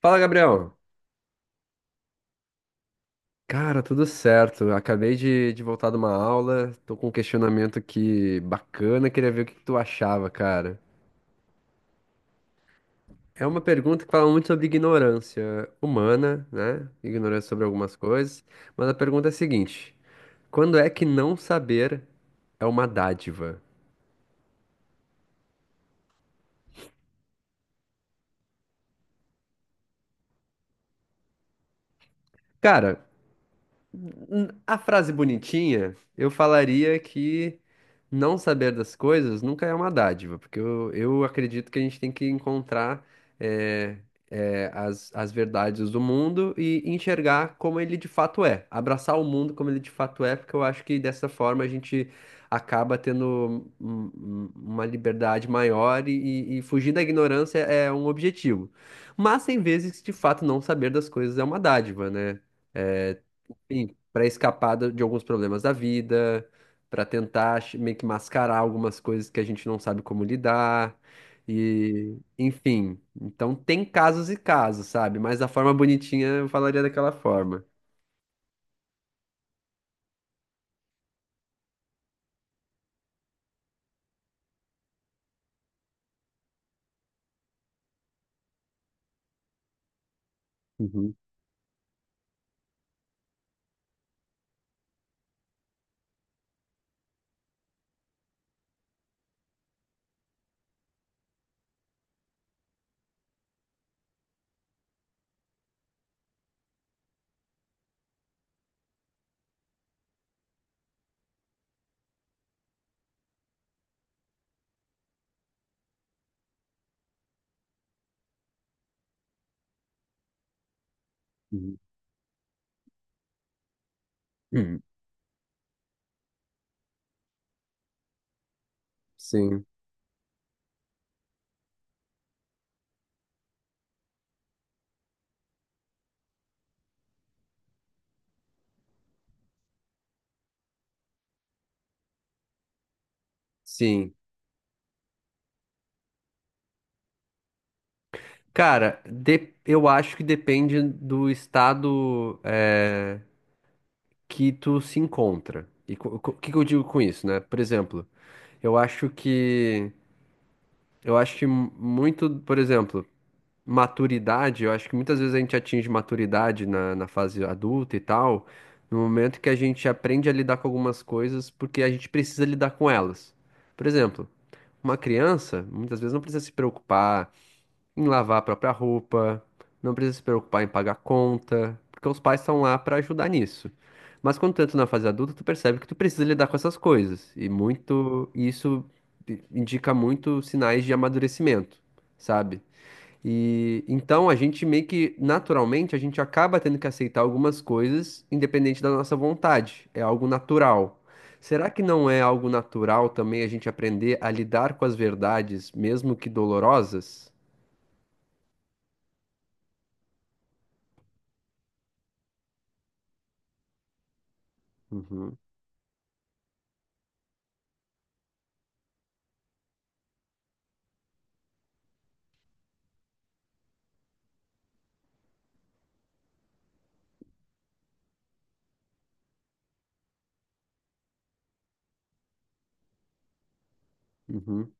Fala, Gabriel. Cara, tudo certo. Acabei de voltar de uma aula, tô com um questionamento aqui bacana, queria ver o que que tu achava, cara. É uma pergunta que fala muito sobre ignorância humana, né? Ignorância sobre algumas coisas. Mas a pergunta é a seguinte: quando é que não saber é uma dádiva? Cara, a frase bonitinha, eu falaria que não saber das coisas nunca é uma dádiva, porque eu acredito que a gente tem que encontrar eh, as verdades do mundo e enxergar como ele de fato é, abraçar o mundo como ele de fato é, porque eu acho que dessa forma a gente acaba tendo uma liberdade maior e fugir da ignorância é um objetivo. Mas tem vezes que de fato não saber das coisas é uma dádiva, né? Eh, enfim, para escapar de alguns problemas da vida, para tentar meio que mascarar algumas coisas que a gente não sabe como lidar. E, enfim, então tem casos e casos, sabe? Mas da forma bonitinha eu falaria daquela forma. Uhum, uhum. Hum, sim, sim. Cara, eu acho que depende do estado que tu se encontra. E o que que eu digo com isso, né? Por exemplo, eu acho que eu acho que muito, por exemplo, maturidade, eu acho que muitas vezes a gente atinge maturidade na fase adulta e tal, no momento que a gente aprende a lidar com algumas coisas porque a gente precisa lidar com elas. Por exemplo, uma criança muitas vezes não precisa se preocupar em lavar a própria roupa, não precisa se preocupar em pagar conta, porque os pais estão lá para ajudar nisso. Mas quando tu entra na fase adulta, tu percebe que tu precisa lidar com essas coisas, e muito, e isso indica muito sinais de amadurecimento, sabe? E então a gente meio que naturalmente a gente acaba tendo que aceitar algumas coisas independente da nossa vontade. É algo natural. Será que não é algo natural também a gente aprender a lidar com as verdades, mesmo que dolorosas? Uhum, uhum,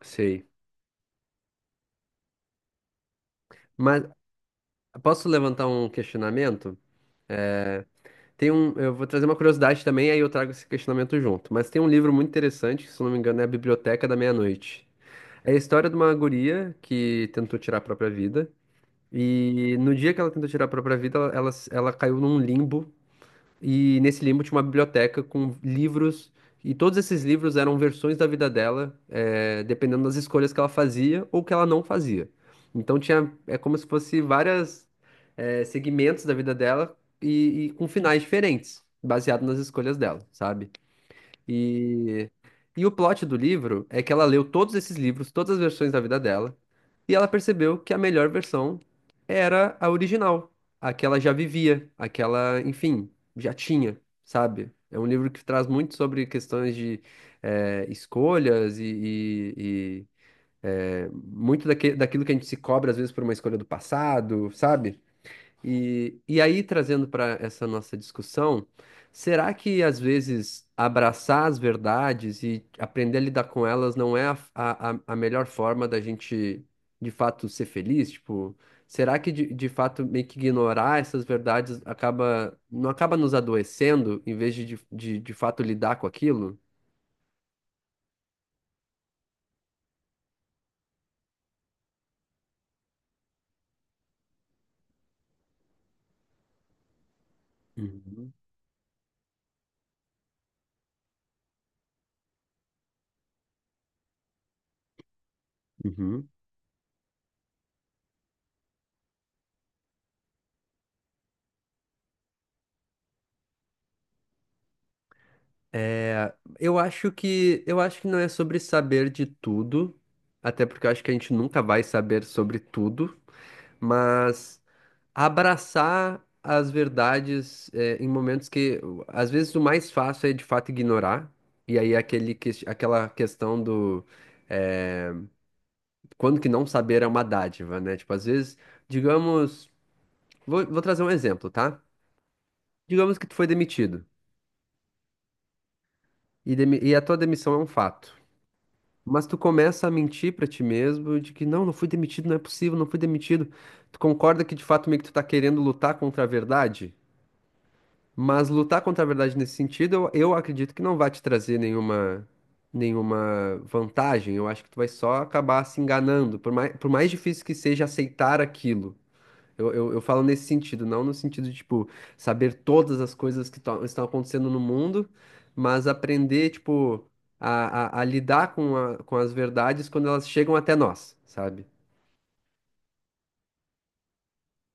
sei. Mas posso levantar um questionamento? É, tem um, eu vou trazer uma curiosidade também, aí eu trago esse questionamento junto. Mas tem um livro muito interessante, que, se eu não me engano, é A Biblioteca da Meia-Noite. É a história de uma guria que tentou tirar a própria vida. E no dia que ela tentou tirar a própria vida, ela caiu num limbo. E nesse limbo tinha uma biblioteca com livros. E todos esses livros eram versões da vida dela, é, dependendo das escolhas que ela fazia ou que ela não fazia. Então tinha, é como se fosse vários segmentos da vida dela e com finais diferentes, baseado nas escolhas dela, sabe? E, e o plot do livro é que ela leu todos esses livros, todas as versões da vida dela, e ela percebeu que a melhor versão era a original, a que ela já vivia, a que ela, enfim, já tinha, sabe? É um livro que traz muito sobre questões de escolhas e, muito daquilo que a gente se cobra às vezes por uma escolha do passado, sabe? E aí, trazendo para essa nossa discussão, será que às vezes abraçar as verdades e aprender a lidar com elas não é a melhor forma da gente de fato ser feliz? Tipo, será que de fato meio que ignorar essas verdades acaba, não acaba nos adoecendo em vez de fato lidar com aquilo? Uhum, uhum. Eu acho que não é sobre saber de tudo, até porque eu acho que a gente nunca vai saber sobre tudo. Mas abraçar as verdades é, em momentos que às vezes o mais fácil é de fato ignorar, e aí aquele que, aquela questão do é, quando que não saber é uma dádiva, né? Tipo, às vezes, digamos, vou trazer um exemplo, tá? Digamos que tu foi demitido e, e a tua demissão é um fato. Mas tu começa a mentir pra ti mesmo de que não, não fui demitido, não é possível, não fui demitido. Tu concorda que de fato meio que tu tá querendo lutar contra a verdade? Mas lutar contra a verdade nesse sentido, eu acredito que não vai te trazer nenhuma, nenhuma vantagem. Eu acho que tu vai só acabar se enganando, por mais difícil que seja aceitar aquilo. Eu falo nesse sentido, não no sentido de, tipo, saber todas as coisas que estão acontecendo no mundo, mas aprender, tipo, a lidar com, com as verdades quando elas chegam até nós, sabe?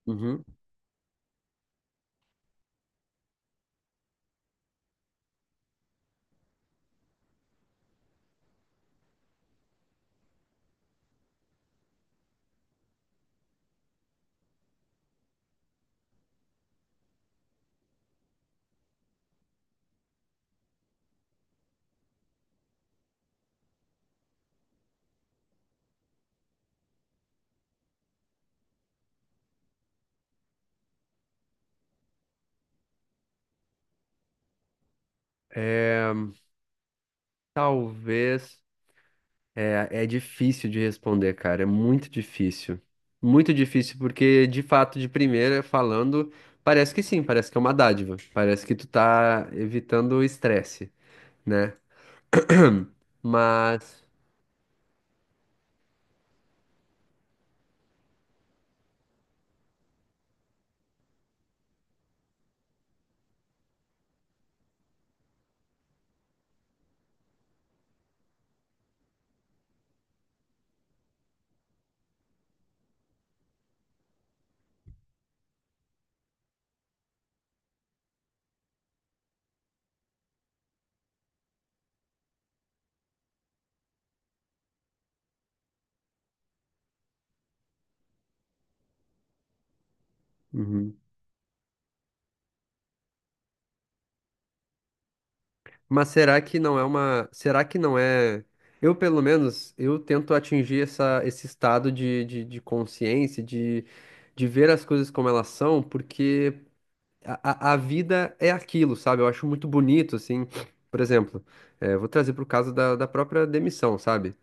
Uhum. É, talvez. É, é difícil de responder, cara. É muito difícil. Muito difícil, porque de fato, de primeira falando, parece que sim, parece que é uma dádiva. Parece que tu tá evitando o estresse, né? Mas. Uhum. Mas será que não é uma. Será que não é. Eu, pelo menos, eu tento atingir essa, esse estado de consciência, de ver as coisas como elas são, porque. A vida é aquilo, sabe? Eu acho muito bonito, assim. Por exemplo, vou trazer pro caso da própria demissão, sabe?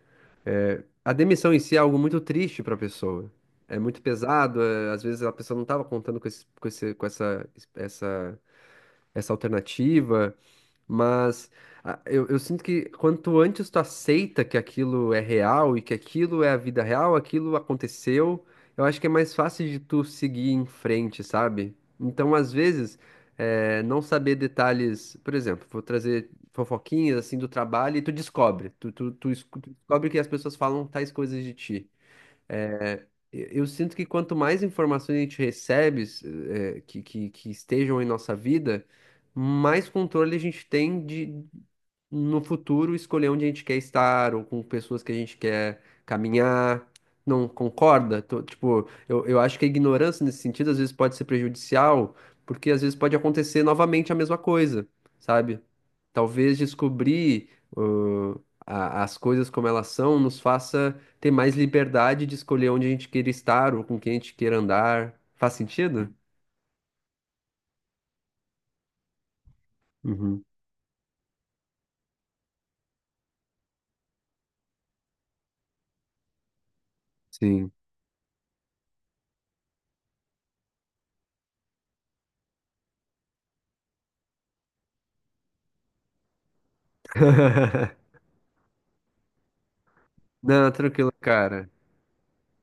A demissão em si é algo muito triste pra pessoa. É muito pesado, às vezes a pessoa não estava contando com esse, com esse, com essa, essa, essa alternativa. Mas eu sinto que quanto antes tu aceita que aquilo é real e que aquilo é a vida real, aquilo aconteceu, eu acho que é mais fácil de tu seguir em frente, sabe? Então, às vezes, não saber detalhes, por exemplo, vou trazer fofoquinhas assim do trabalho e tu descobre, tu tu descobre que as pessoas falam tais coisas de ti. Eu sinto que quanto mais informações a gente recebe, que estejam em nossa vida, mais controle a gente tem de, no futuro, escolher onde a gente quer estar ou com pessoas que a gente quer caminhar. Não concorda? Tipo, eu acho que a ignorância nesse sentido às vezes pode ser prejudicial, porque às vezes pode acontecer novamente a mesma coisa, sabe? Talvez descobrir, ãh, as coisas como elas são nos faça ter mais liberdade de escolher onde a gente queira estar ou com quem a gente queira andar. Faz sentido? Uhum, sim. Não, tranquilo, cara.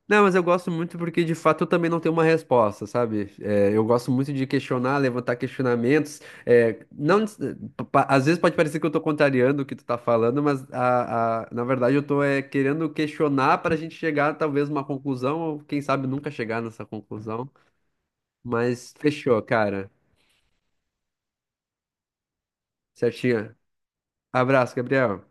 Não, mas eu gosto muito porque de fato eu também não tenho uma resposta, sabe? É, eu gosto muito de questionar, levantar questionamentos. É, não, às vezes pode parecer que eu tô contrariando o que tu tá falando, mas na verdade eu tô é, querendo questionar para a gente chegar talvez uma conclusão, ou quem sabe nunca chegar nessa conclusão. Mas fechou, cara. Certinho. Abraço, Gabriel.